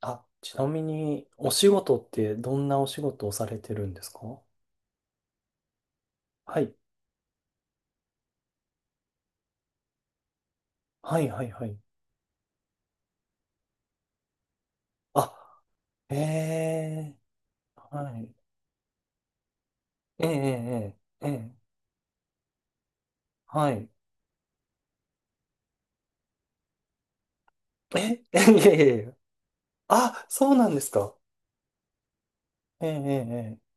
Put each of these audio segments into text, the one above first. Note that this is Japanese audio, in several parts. あ、ちなみに、お仕事ってどんなお仕事をされてるんですか？はい。はい、はい、はい。あ、ええ、はい。ええええええええ、はい。え、ええ、いえいえいえ。あ、そうなんですか。えええ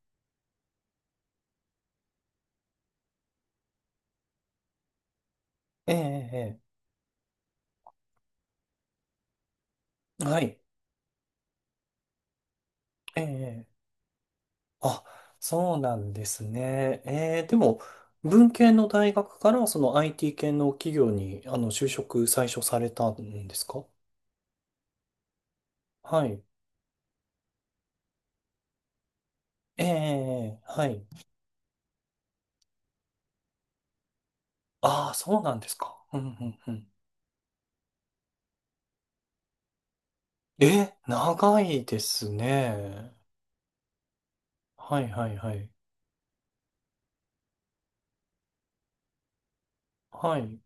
えええええええ、はい。ええええ、あ、そうなんですね。ええ、でも、文系の大学からその IT 系の企業に、あの、就職最初されたんですか？はい。ええええええ、はい。ああ、そうなんですか。うんうんうん。え、長いですね。はいはいはい。はい。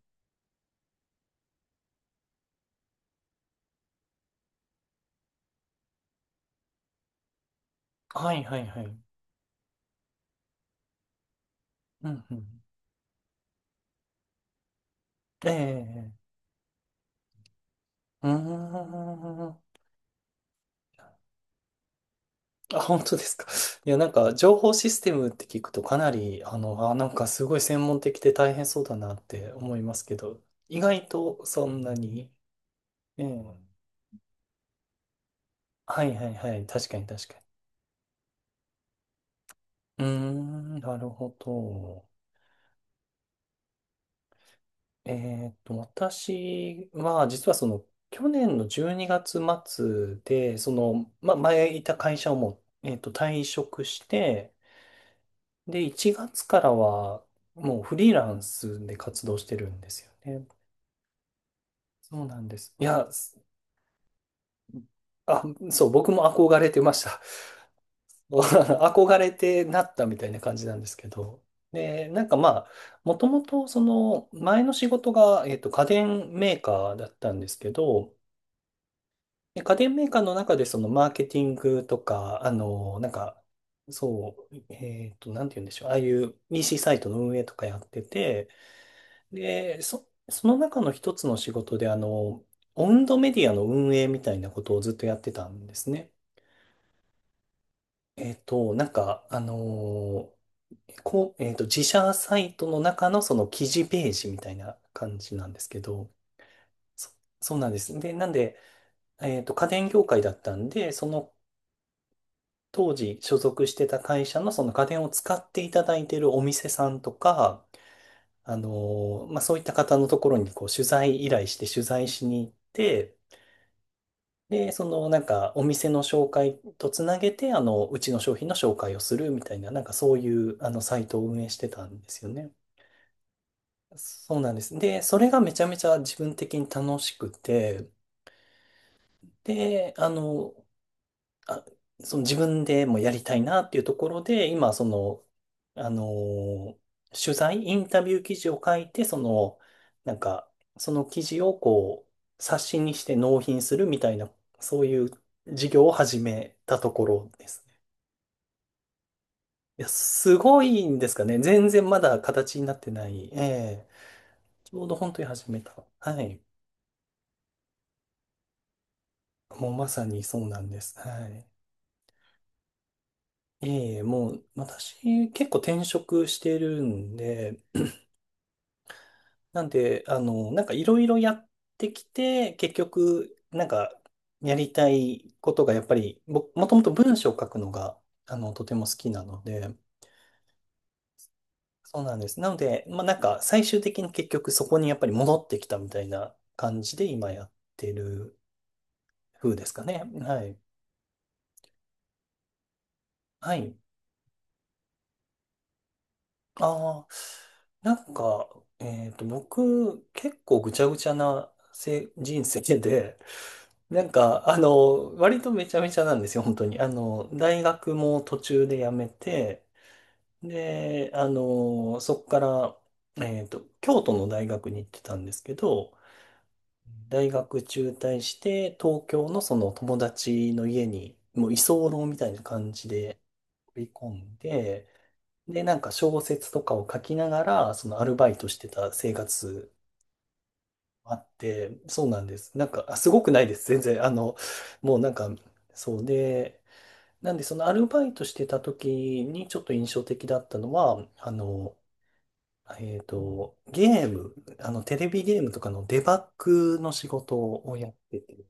はいはいはい。うんうん。ええ。うーん。あ、本当ですか。いや、なんか、情報システムって聞くとかなり、あの、あ、なんかすごい専門的で大変そうだなって思いますけど、意外とそんなに。ええ。はいはいはい。確かに確かに。うーん、なるほど。え私は、実はその、去年の12月末で、その、ま、前いた会社をもう、退職して、で、1月からは、もうフリーランスで活動してるんですよね。そうなんです。いや、す、あ、そう、僕も憧れてました。憧れてなったみたいな感じなんですけど。で、なんかまあ、もともとその前の仕事が、家電メーカーだったんですけど、で、家電メーカーの中でそのマーケティングとか、あの、なんか、そう、なんて言うんでしょう。ああいう EC サイトの運営とかやってて、で、その中の一つの仕事で、あの、オウンドメディアの運営みたいなことをずっとやってたんですね。なんか、あの、こう、自社サイトの中のその記事ページみたいな感じなんですけど、そそうなんです。で、なんで、家電業界だったんで、その当時所属してた会社のその家電を使っていただいているお店さんとか、あの、まあ、そういった方のところにこう取材依頼して取材しに行って、で、そのなんかお店の紹介とつなげて、あの、うちの商品の紹介をするみたいな、なんかそういうあのサイトを運営してたんですよね。そうなんです。で、それがめちゃめちゃ自分的に楽しくて、で、あの、あ、その自分でもやりたいなっていうところで、今、その、あのー取材、インタビュー記事を書いて、その、なんか、その記事をこう、冊子にして納品するみたいな、そういう事業を始めたところですね。いや、すごいんですかね。全然まだ形になってない。ええ、ちょうど本当に始めた。はい。もうまさにそうなんです。はい。ええ、もう私結構転職してるんで、なんで、あの、なんかいろいろやってきて、結局、なんか、やりたいことがやっぱり、もともと文章を書くのが、あの、とても好きなので、そうなんです。なので、まあなんか、最終的に結局そこにやっぱり戻ってきたみたいな感じで今やってる風ですかね。はい。はい。ああ、なんか、僕、結構ぐちゃぐちゃな人生で、なんか、あの、割とめちゃめちゃなんですよ、本当に。あの、大学も途中で辞めて、で、あの、そこから、京都の大学に行ってたんですけど、大学中退して、東京のその友達の家に、もう居候みたいな感じで飛び込んで、で、なんか小説とかを書きながら、そのアルバイトしてた生活あって、そうなんです。なんか、あ、すごくないです。全然。あの、もうなんか、そうで、なんで、そのアルバイトしてた時にちょっと印象的だったのは、あの、ゲーム、あの、テレビゲームとかのデバッグの仕事をやってて、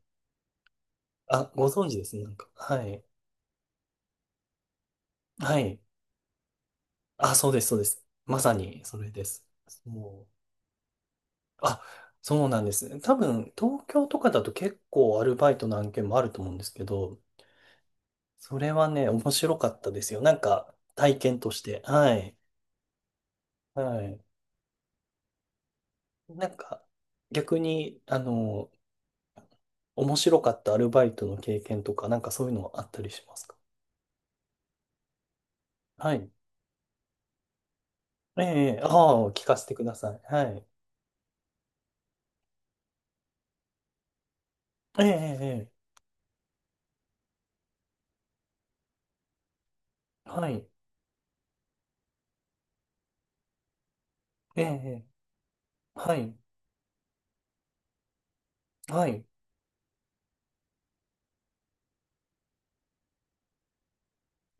あ、ご存知ですね。なんか、はい。はい。あ、そうです、そうです。まさに、それです。もう、あ、そうなんです。多分、東京とかだと結構アルバイトの案件もあると思うんですけど、それはね、面白かったですよ。なんか、体験として。はい。はい。なんか、逆に、あの、面白かったアルバイトの経験とか、なんかそういうのあったりしますか？はい。ええ、ええ、ああ、聞かせてください。はい。ええ、ええ、ええ、はい。ええ、ええ、はい。はい。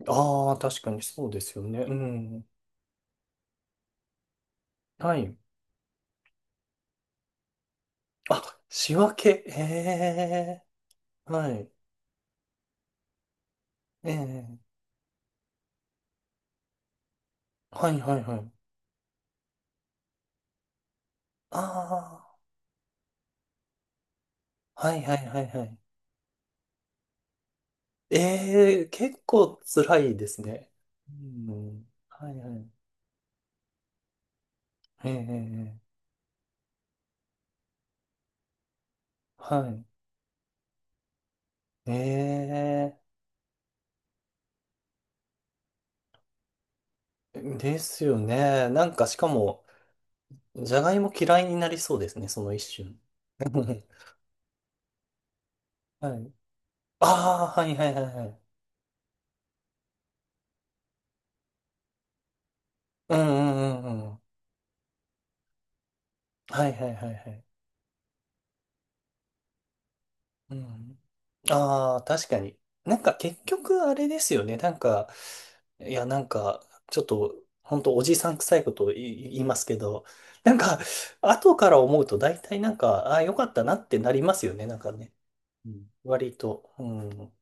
ああ、確かにそうですよね。うん。はい。あ、仕分け。ええ、はい。ええ、はい、はい、はい。ああ、はい、はい、はい、はい。ええ、結構辛いですね。うん。はいはい。ええええ、はい。ええ、ですよね。なんかしかも、じゃがいも嫌いになりそうですね、その一瞬。はい。ああ、はいはいはいはい。うんうんうんうん。はいはいはいはい。うん。ああ、確かに。なんか結局あれですよね。なんか、いや、なんか、ちょっと、本当おじさん臭いことを言いますけど、なんか、後から思うと大体なんか、ああ、よかったなってなりますよね、なんかね。うん、割と。うん。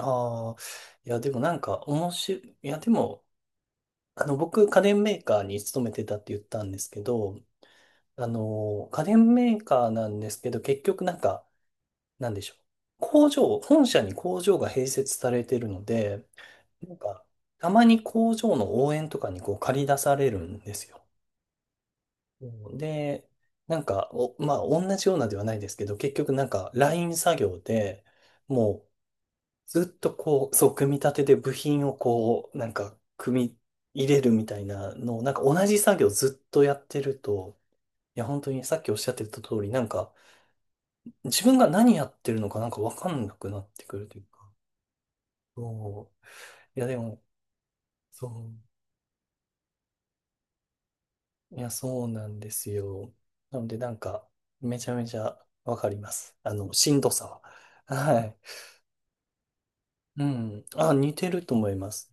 ああ、いや、でもなんか、面白い。いや、でも、あの、僕、家電メーカーに勤めてたって言ったんですけど、あの、家電メーカーなんですけど、結局なんか、なんでしょう。工場、本社に工場が併設されてるので、なんか、たまに工場の応援とかにこう借り出されるんですよ。うん、で、なんか、お、まあ、同じようなではないですけど、結局なんか、ライン作業で、もう、ずっとこう、そう、組み立てで部品をこう、なんか、組み入れるみたいなのを、なんか同じ作業ずっとやってると、いや、本当にさっきおっしゃってた通り、なんか、自分が何やってるのかなんかわかんなくなってくるというか、そう、いや、でも、そう。いや、そうなんですよ。なので、なんか、めちゃめちゃわかります。あの、しんどさは。はい。うん。あ、似てると思います。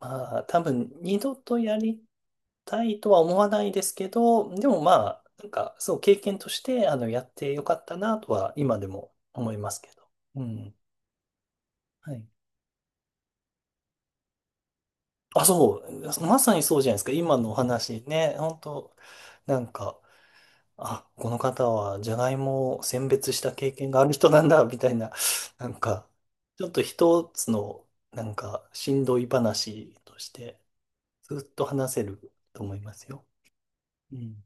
まあ、多分、二度とやりたいとは思わないですけど、でもまあ、なんか、そう、経験として、あの、やってよかったなとは、今でも思いますけど。うん。はい。あ、そう。まさにそうじゃないですか。今のお話ね。本当、なんか、あ、この方はじゃがいもを選別した経験がある人なんだ、みたいな、なんか、ちょっと一つの、なんか、しんどい話として、ずっと話せると思いますよ。うん。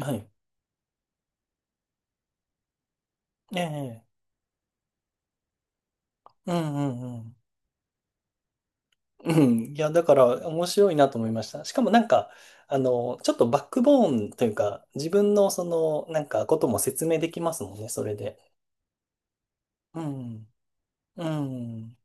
はい。ええ。うんうんうん。うん。いや、だから、面白いなと思いました。しかもなんか、あの、ちょっとバックボーンというか、自分のその、なんか、ことも説明できますもんね、それで。うん。うん。